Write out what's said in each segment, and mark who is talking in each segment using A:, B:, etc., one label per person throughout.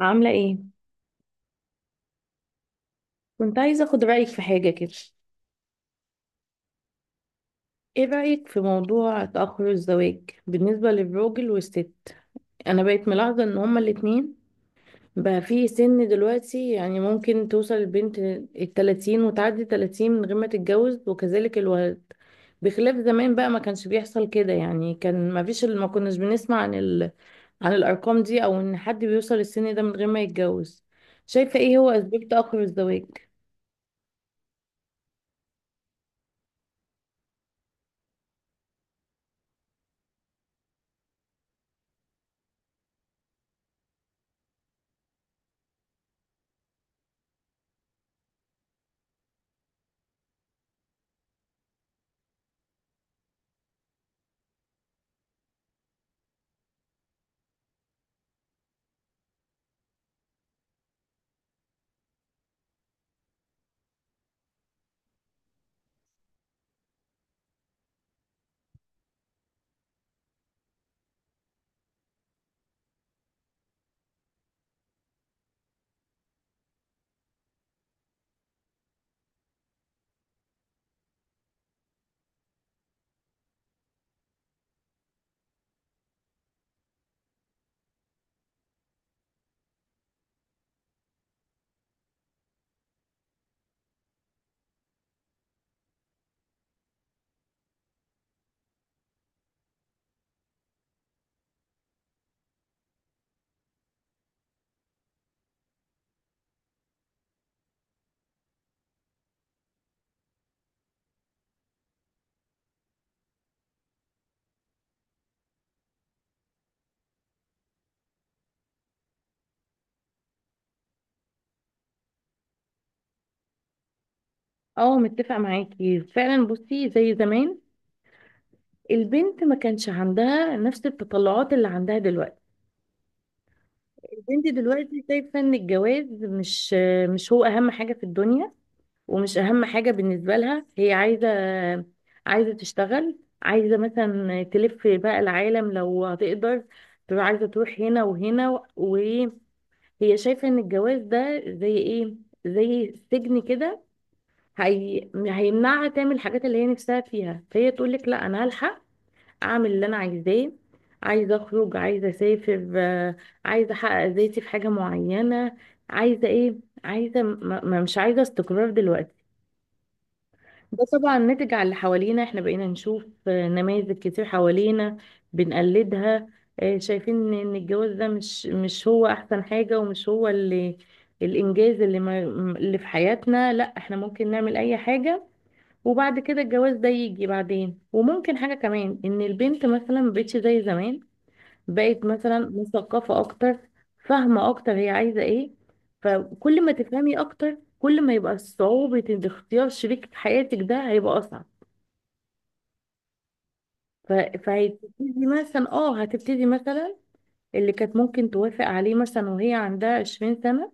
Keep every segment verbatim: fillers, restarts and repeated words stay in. A: عاملة ايه؟ كنت عايزة اخد رأيك في حاجة كده. ايه رأيك في موضوع تأخر الزواج بالنسبة للراجل والست؟ انا بقيت ملاحظة ان هما الاتنين بقى في سن دلوقتي، يعني ممكن توصل البنت التلاتين وتعدي تلاتين من غير ما تتجوز، وكذلك الولد. بخلاف زمان بقى، ما كانش بيحصل كده، يعني كان ما فيش ما كناش بنسمع عن ال... عن الارقام دي، او ان حد بيوصل السن ده من غير ما يتجوز. شايفة ايه هو اسباب تأخر الزواج؟ اه، متفقة معاكي فعلا. بصي، زي زمان البنت ما كانش عندها نفس التطلعات اللي عندها دلوقتي. البنت دلوقتي شايفة ان الجواز مش مش هو اهم حاجة في الدنيا، ومش اهم حاجة بالنسبة لها. هي عايزة عايزة تشتغل، عايزة مثلا تلف بقى العالم لو هتقدر، تبقى عايزة تروح هنا وهنا، وهي شايفة ان الجواز ده زي ايه، زي سجن كده. هي... هيمنعها تعمل الحاجات اللي هي نفسها فيها، فهي تقول لك لا انا هلحق اعمل اللي انا عايزاه. عايزه اخرج، عايزه اسافر، آه، عايزه احقق ذاتي في حاجه معينه، عايزه ايه، عايزه ما ما- مش عايزه استقرار دلوقتي. ده طبعا ناتج على اللي حوالينا، احنا بقينا نشوف آه، نماذج كتير حوالينا بنقلدها، آه، شايفين ان الجواز ده مش مش هو احسن حاجه، ومش هو اللي الانجاز اللي ما اللي في حياتنا. لا، احنا ممكن نعمل اي حاجه، وبعد كده الجواز ده يجي بعدين. وممكن حاجة كمان، ان البنت مثلا مبقتش زي زمان، بقت مثلا مثقفة اكتر، فاهمة اكتر هي عايزة ايه. فكل ما تفهمي اكتر، كل ما يبقى صعوبة إن اختيار شريك حياتك ده هيبقى اصعب. ف- فهتبتدي مثلا اه هتبتدي مثلا اللي كانت ممكن توافق عليه مثلا وهي عندها عشرين سنة،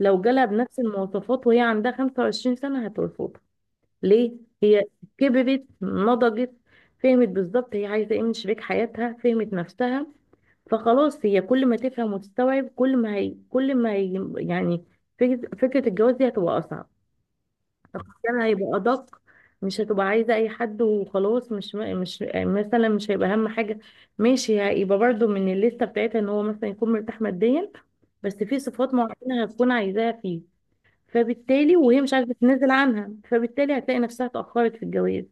A: لو جالها بنفس المواصفات وهي عندها خمسة وعشرين سنة هترفض. ليه؟ هي كبرت، نضجت، فهمت بالظبط هي عايزه ايه من شريك حياتها، فهمت نفسها. فخلاص هي كل ما تفهم وتستوعب، كل ما هي كل ما هي يعني فكره فكرة الجواز دي هتبقى اصعب، كان هيبقى ادق. مش هتبقى عايزه اي حد وخلاص، مش مش مثلا مش هيبقى اهم حاجه. ماشي، هيبقى برضو من الليسته بتاعتها ان هو مثلا يكون مرتاح ماديا، بس في صفات معينه هتكون عايزاها فيه، فبالتالي وهي مش عارفه تنزل عنها، فبالتالي هتلاقي نفسها اتاخرت في الجواز.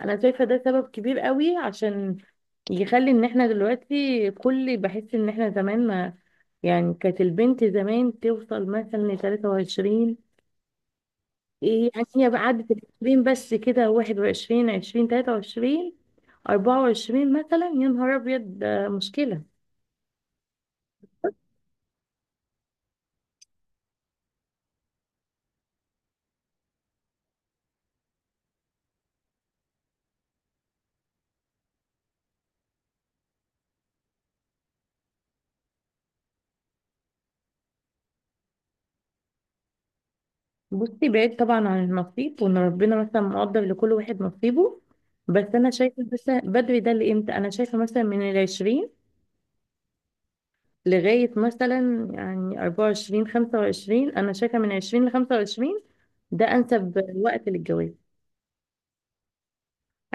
A: انا شايفه ده سبب كبير قوي عشان يخلي ان احنا دلوقتي كل بحس ان احنا زمان ما، يعني كانت البنت زمان توصل مثلا ل تلاتة وعشرين. إيه يعني؟ هي بقى عدت ال عشرين بس كده، واحد وعشرين، عشرين، تلاتة وعشرين، اربعة وعشرين مثلا، يا نهار ابيض، ده مشكله. بصي، بعيد طبعا عن النصيب وان ربنا مثلا مقدر لكل واحد نصيبه، بس انا شايفه مثلا بدري ده لامتى؟ انا شايفه مثلا من العشرين لغايه مثلا، يعني اربعة وعشرين، خمسة وعشرين. انا شايفه من عشرين لخمسة وعشرين ده انسب وقت للجواز.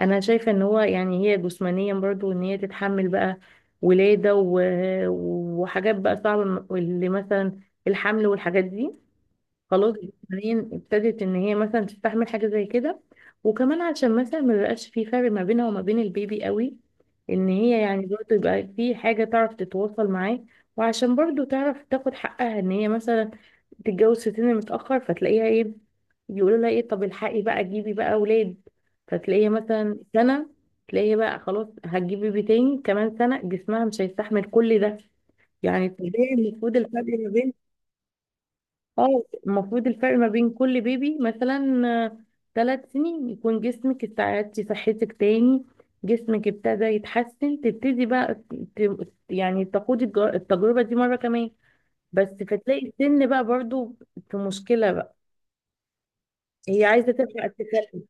A: انا شايفه ان هو، يعني هي جسمانيا برضو ان هي تتحمل بقى ولاده و... وحاجات بقى صعبه، اللي مثلا الحمل والحاجات دي. خلاص جسمانيا ابتدت ان هي مثلا تستحمل حاجه زي كده. وكمان عشان مثلا ما يبقاش في فرق ما بينها وما بين البيبي قوي، ان هي يعني برضه يبقى في حاجه تعرف تتواصل معاه. وعشان برضه تعرف تاخد حقها، ان هي مثلا تتجوز في سن متاخر فتلاقيها ايه، يقولوا لها ايه، طب الحقي بقى، جيبي بقى اولاد. فتلاقيها مثلا سنه، تلاقيها بقى خلاص هتجيب بيبي تاني كمان سنه، جسمها مش هيستحمل كل ده. يعني طبيعي المفروض الفرق ما بين، اه المفروض الفرق ما بين كل بيبي مثلا ثلاث سنين، يكون جسمك استعدتي صحتك تاني، جسمك ابتدى يتحسن، تبتدي بقى ت- يعني تخوضي الج- التجربة دي مرة كمان. بس فتلاقي السن بقى برضو في مشكلة بقى، هي عايزة تلحق تسلم.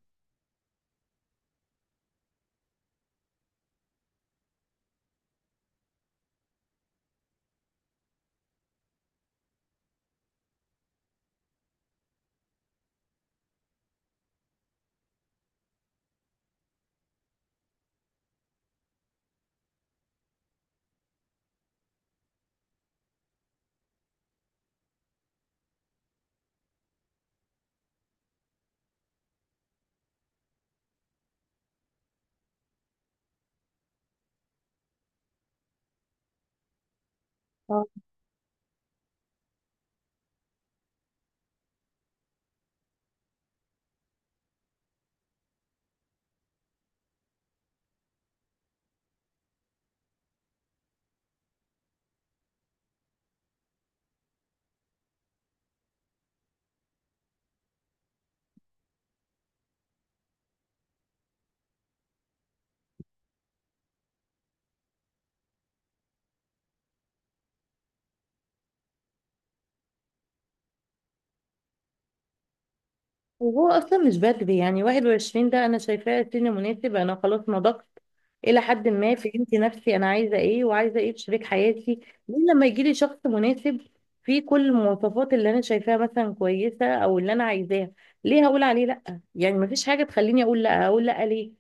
A: وهو اصلا مش بدري، يعني واحد وعشرين ده انا شايفاه سن مناسب، انا خلاص نضجت الى حد ما، فهمت نفسي انا عايزه ايه وعايزه ايه في شريك حياتي. ليه لما يجي لي شخص مناسب فيه كل المواصفات اللي انا شايفاها مثلا كويسه او اللي انا عايزاها، ليه هقول عليه لا؟ يعني مفيش حاجه تخليني اقول لا، اقول لا ليه؟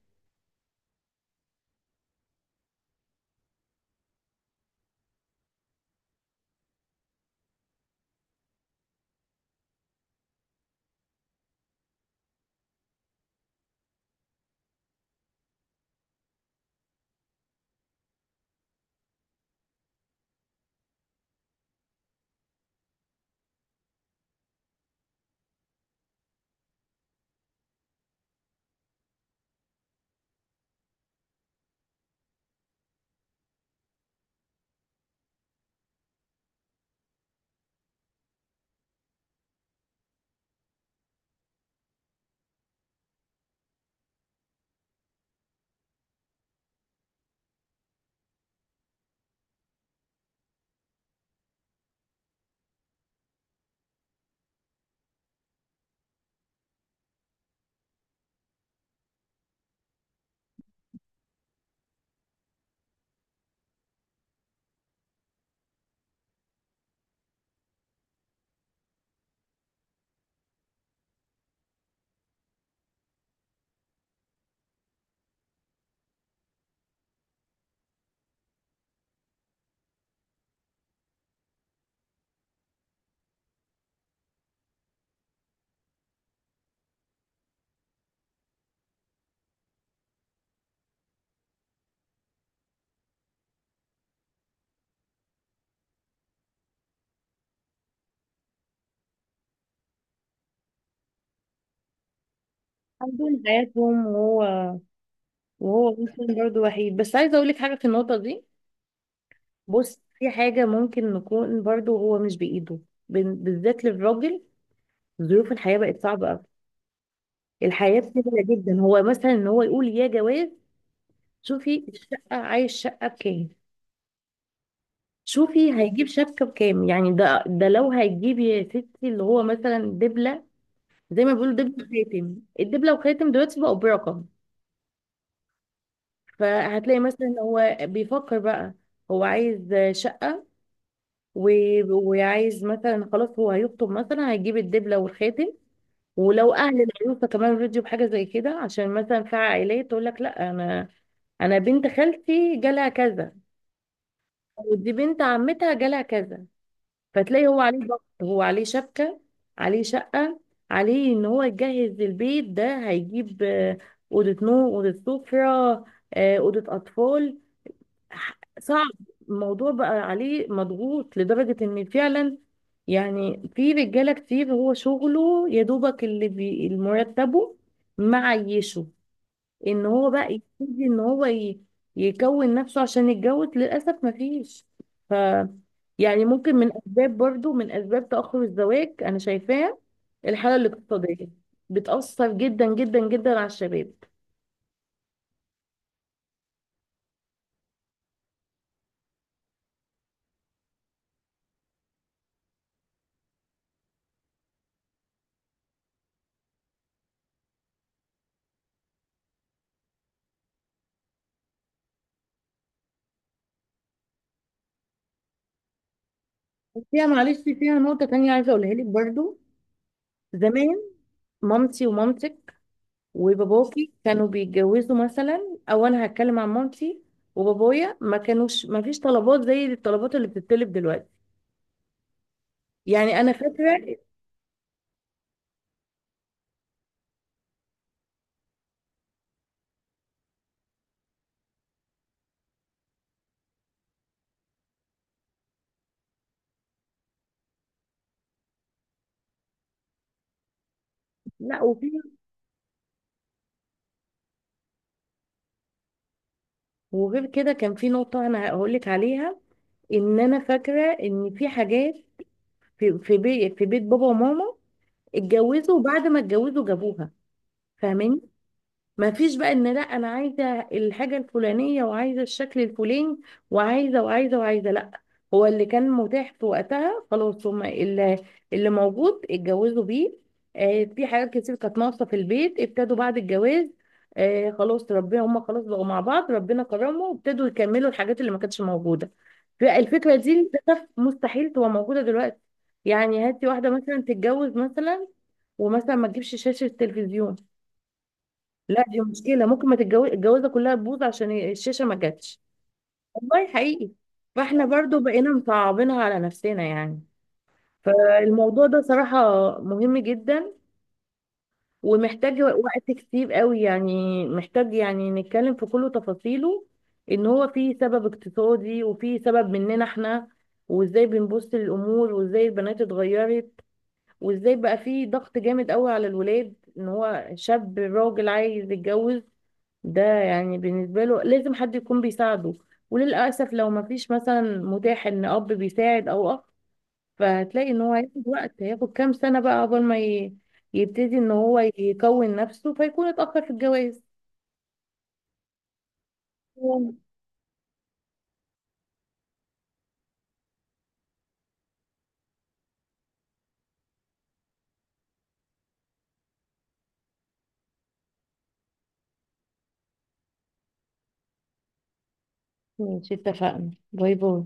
A: عندهم حياتهم وهو وهو مثلا برضه وحيد. بس عايزه اقول لك حاجه في النقطه دي. بص، في حاجه ممكن نكون برضه هو مش بايده، بال- بالذات للراجل. ظروف الحياه بقت صعبه قوي. الحياة بسيطة، جدا هو مثلا ان هو يقول يا جواز، شوفي الشقة، عايز شقة بكام، شوفي هيجيب شبكة بكام. يعني ده ده لو هيجيب يا ستي اللي هو مثلا دبلة، زي ما بيقولوا دبلة وخاتم، الدبلة وخاتم دلوقتي بقوا برقم. فهتلاقي مثلا هو بيفكر بقى هو عايز شقة، و- وعايز مثلا خلاص هو هيخطب، مثلا هيجيب الدبلة والخاتم. ولو اهل العروسه كمان رضيوا بحاجه زي كده، عشان مثلا في عائلات تقول لك لا، انا انا بنت خالتي جالها كذا، ودي بنت عمتها جالها كذا. فتلاقي هو عليه ضغط، هو عليه شبكة، عليه شقة، عليه ان هو يجهز البيت، ده هيجيب آه، أوضة نوم، أوضة سفرة، آه، أوضة أطفال. ح- صعب. الموضوع بقى عليه مضغوط لدرجة ان فعلا، يعني في رجالة كتير هو شغله يا دوبك اللي بي- مرتبه معيشه، ان هو بقى يبتدي ان هو ي- يكون نفسه عشان يتجوز، للاسف ما فيش. ف يعني ممكن من اسباب، برضو من اسباب تاخر الزواج انا شايفاه الحاله الاقتصاديه، بتاثر جدا جدا جدا على الشباب. فيها معلش، فيها نقطه تانية عايزه اقولها لك برضو. زمان مامتي ومامتك وباباكي كانوا بيتجوزوا مثلا، او انا هتكلم عن مامتي وبابايا، ما كانوش، ما فيش طلبات زي الطلبات اللي بتتطلب دلوقتي. يعني انا فاكره، لا، وفي، وغير كده كان في نقطة أنا هقولك عليها، إن أنا فاكرة إن في حاجات، في في بيت في بيت بابا وماما اتجوزوا، وبعد ما اتجوزوا جابوها، ما فيش بقى ان لا انا عايزه الحاجه الفلانيه، وعايزه الشكل الفلاني، وعايزه وعايزه وعايزه. لا، هو اللي كان متاح في وقتها خلاص، هما اللي اللي موجود اتجوزوا بيه. آه في حاجات كتير كانت ناقصه في البيت، ابتدوا بعد الجواز، آه خلاص ربنا، هما خلاص بقوا مع بعض ربنا كرمه، وابتدوا يكملوا الحاجات اللي ما كانتش موجوده. فالفكره دي للاسف مستحيل تبقى موجوده دلوقتي. يعني هاتي واحده مثلا تتجوز، مثلا ومثلا ما تجيبش شاشه تلفزيون، لا دي مشكله، ممكن ما تتجوز، الجوازه كلها تبوظ عشان الشاشه ما جاتش. والله حقيقي. فاحنا برضو بقينا مصعبينها على نفسنا يعني. فالموضوع ده صراحه مهم جدا، ومحتاج وقت كتير قوي، يعني محتاج يعني نتكلم في كل تفاصيله. ان هو فيه سبب اقتصادي، وفيه سبب مننا احنا، وازاي بنبص للامور، وازاي البنات اتغيرت، وازاي بقى فيه ضغط جامد قوي على الولاد، ان هو شاب راجل عايز يتجوز، ده يعني بالنسبة له لازم حد يكون بيساعده. وللأسف لو ما فيش مثلا متاح إن أب بيساعد أو أخ، فهتلاقي إن هو هياخد وقت، هياخد كام سنة بقى قبل ما ي- يبتدي إن هو يكون نفسه، فيكون اتأخر في الجواز. ماشي، اتفقنا، باي باي.